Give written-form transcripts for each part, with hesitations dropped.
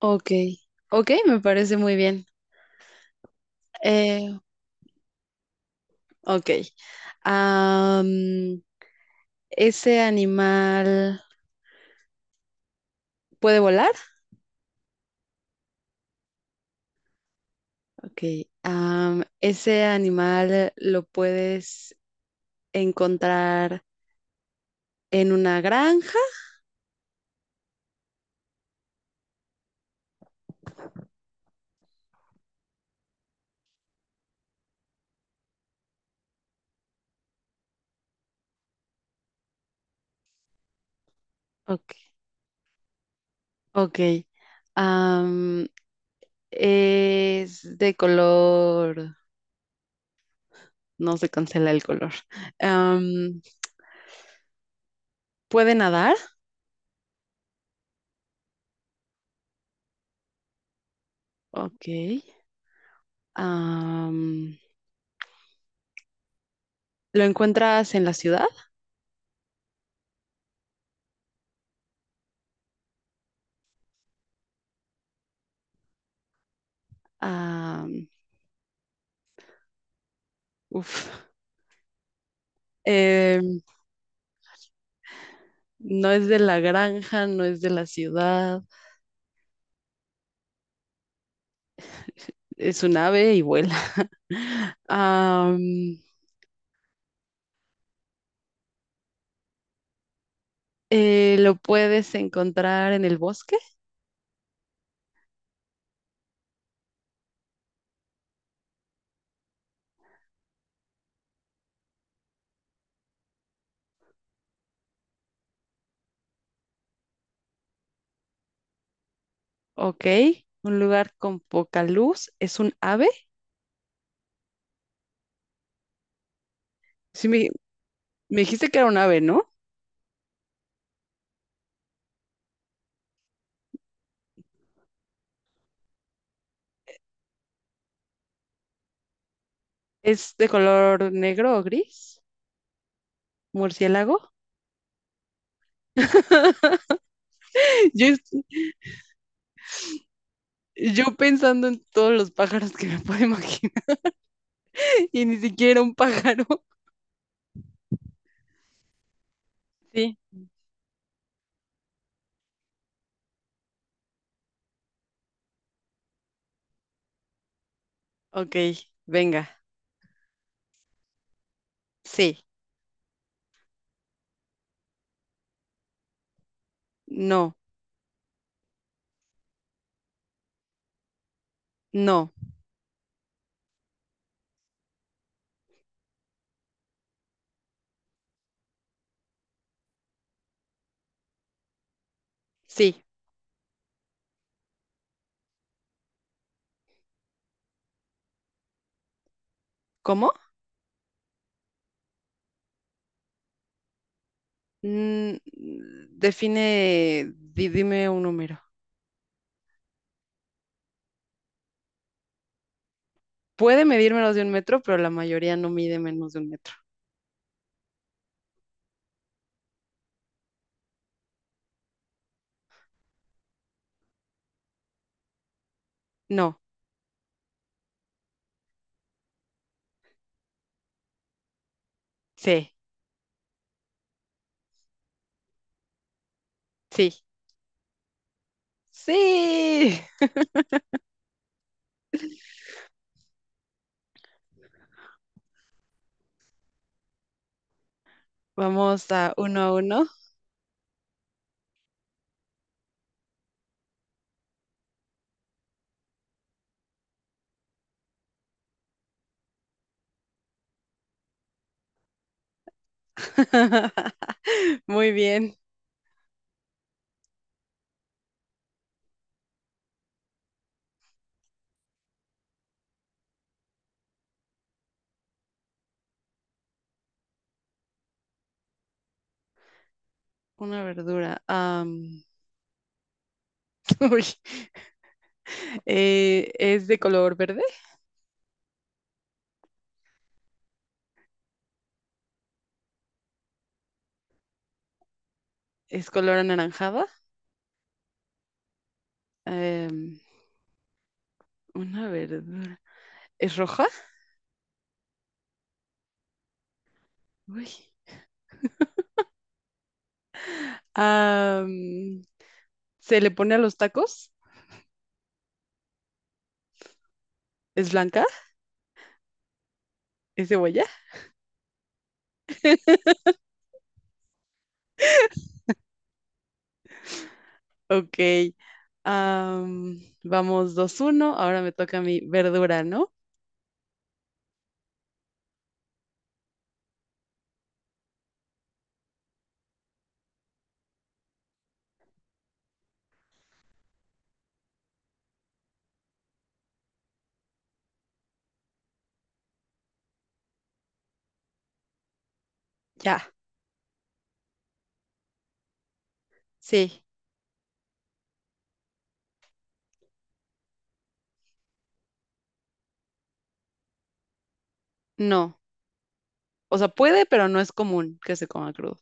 Ok, ok, me parece muy bien. Eh, ok. Am, ¿Ese animal puede volar? Ok. ¿Ese animal lo puedes encontrar en una granja? Ok. Ok. Am, ¿Es de color? No se cancela el color. Am, ¿Puede nadar? Ok. Am, ¿Lo encuentras en la ciudad? Ah, uf. Eh, no es de la granja, no es de la ciudad, es un ave y vuela. Am, lo puedes encontrar en el bosque, ok. Un lugar con poca luz, es un ave. Sí, me dijiste que era un ave, ¿no? ¿Es de color negro o gris? ¿Murciélago? Yo, es- yo pensando en todos los pájaros que me puedo imaginar y ni siquiera un pájaro. Sí, ok, venga. Sí, no, no, sí. ¿Cómo? Mm, define, dime un número. Puede medir menos de un metro, pero la mayoría no mide menos de un metro. No, sí, sí, sí. Vamos a uno a uno. Muy bien. Una verdura. Uy, ¿es de color verde? ¿Es color anaranjada? Em, una verdura. ¿Es roja? Uy. Am, ¿Se le pone a los tacos? ¿Es blanca? ¿Es cebolla? Ok. Vamos dos uno. Ahora me toca mi verdura, ¿no? Ya. Sí. No. O sea, puede, pero no es común que se coma crudo.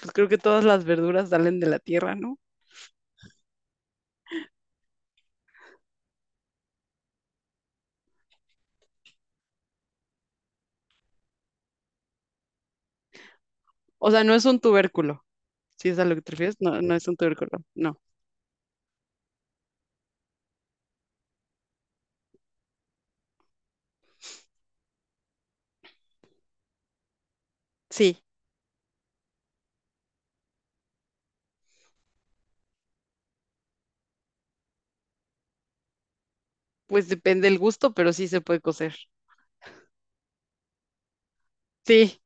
Pues creo que todas las verduras salen de la tierra, ¿no? O sea, no es un tubérculo. Si es a lo que te refieres, no, no es un tubérculo. No. Sí. Pues depende del gusto, pero sí se puede cocer. Sí.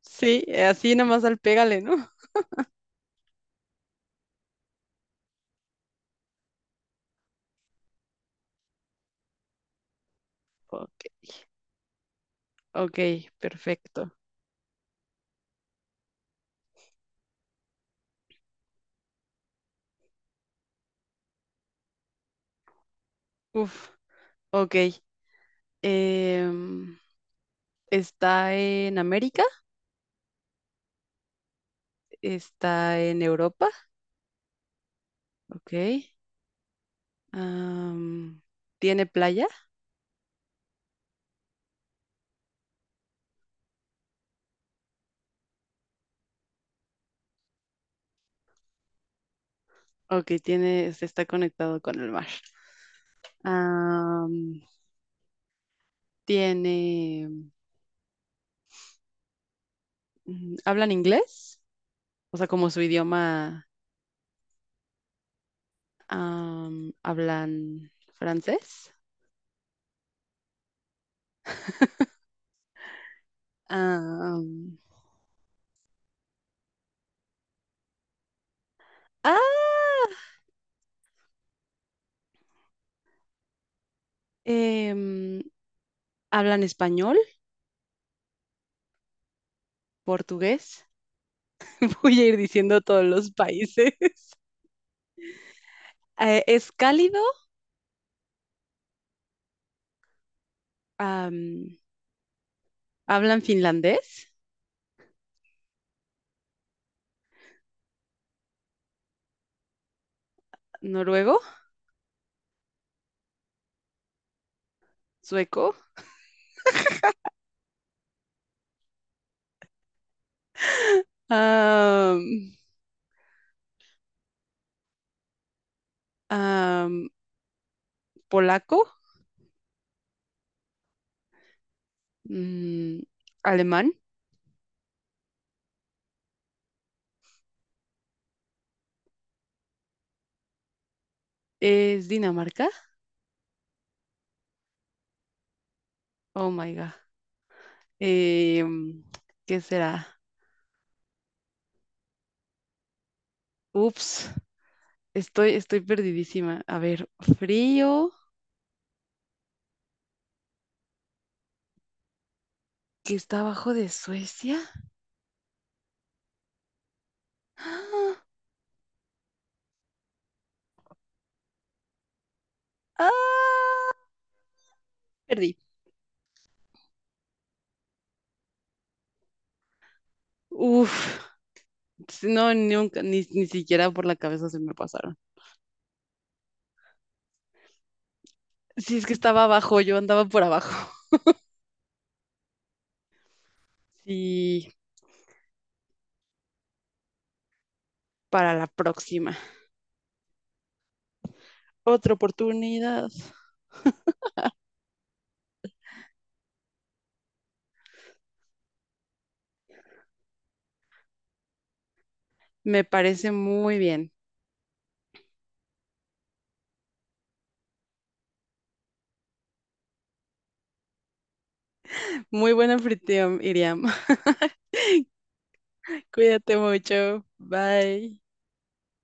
Sí. Así nada más al pégale, ¿no? Ok. Ok. Perfecto. Uf. Ok. Em, Está en América, está en Europa, ok. Am, ¿Tiene playa? Ok, tiene, se está conectado con el mar. Am, tiene, mm, ¿hablan inglés? O sea, como su idioma, ¿hablan francés? Am, ah, em, ¿hablan español, portugués? Voy a ir diciendo todos los países. ¿Es cálido? am, Hablan finlandés, noruego, sueco, am, am, polaco, mm, alemán. ¿Es Dinamarca? Oh my God. Em, ¿Qué será? Ups, estoy perdidísima. A ver, frío, que está abajo de Suecia. ¡Ah! ¡Ah! Perdí. Uf, si no, nunca, ni siquiera por la cabeza se me pasaron. Si es que estaba abajo, yo andaba por abajo. Sí, para la próxima. Otra oportunidad. Me parece muy bien. Muy buena anfitrión, Iriam. Cuídate mucho. Bye.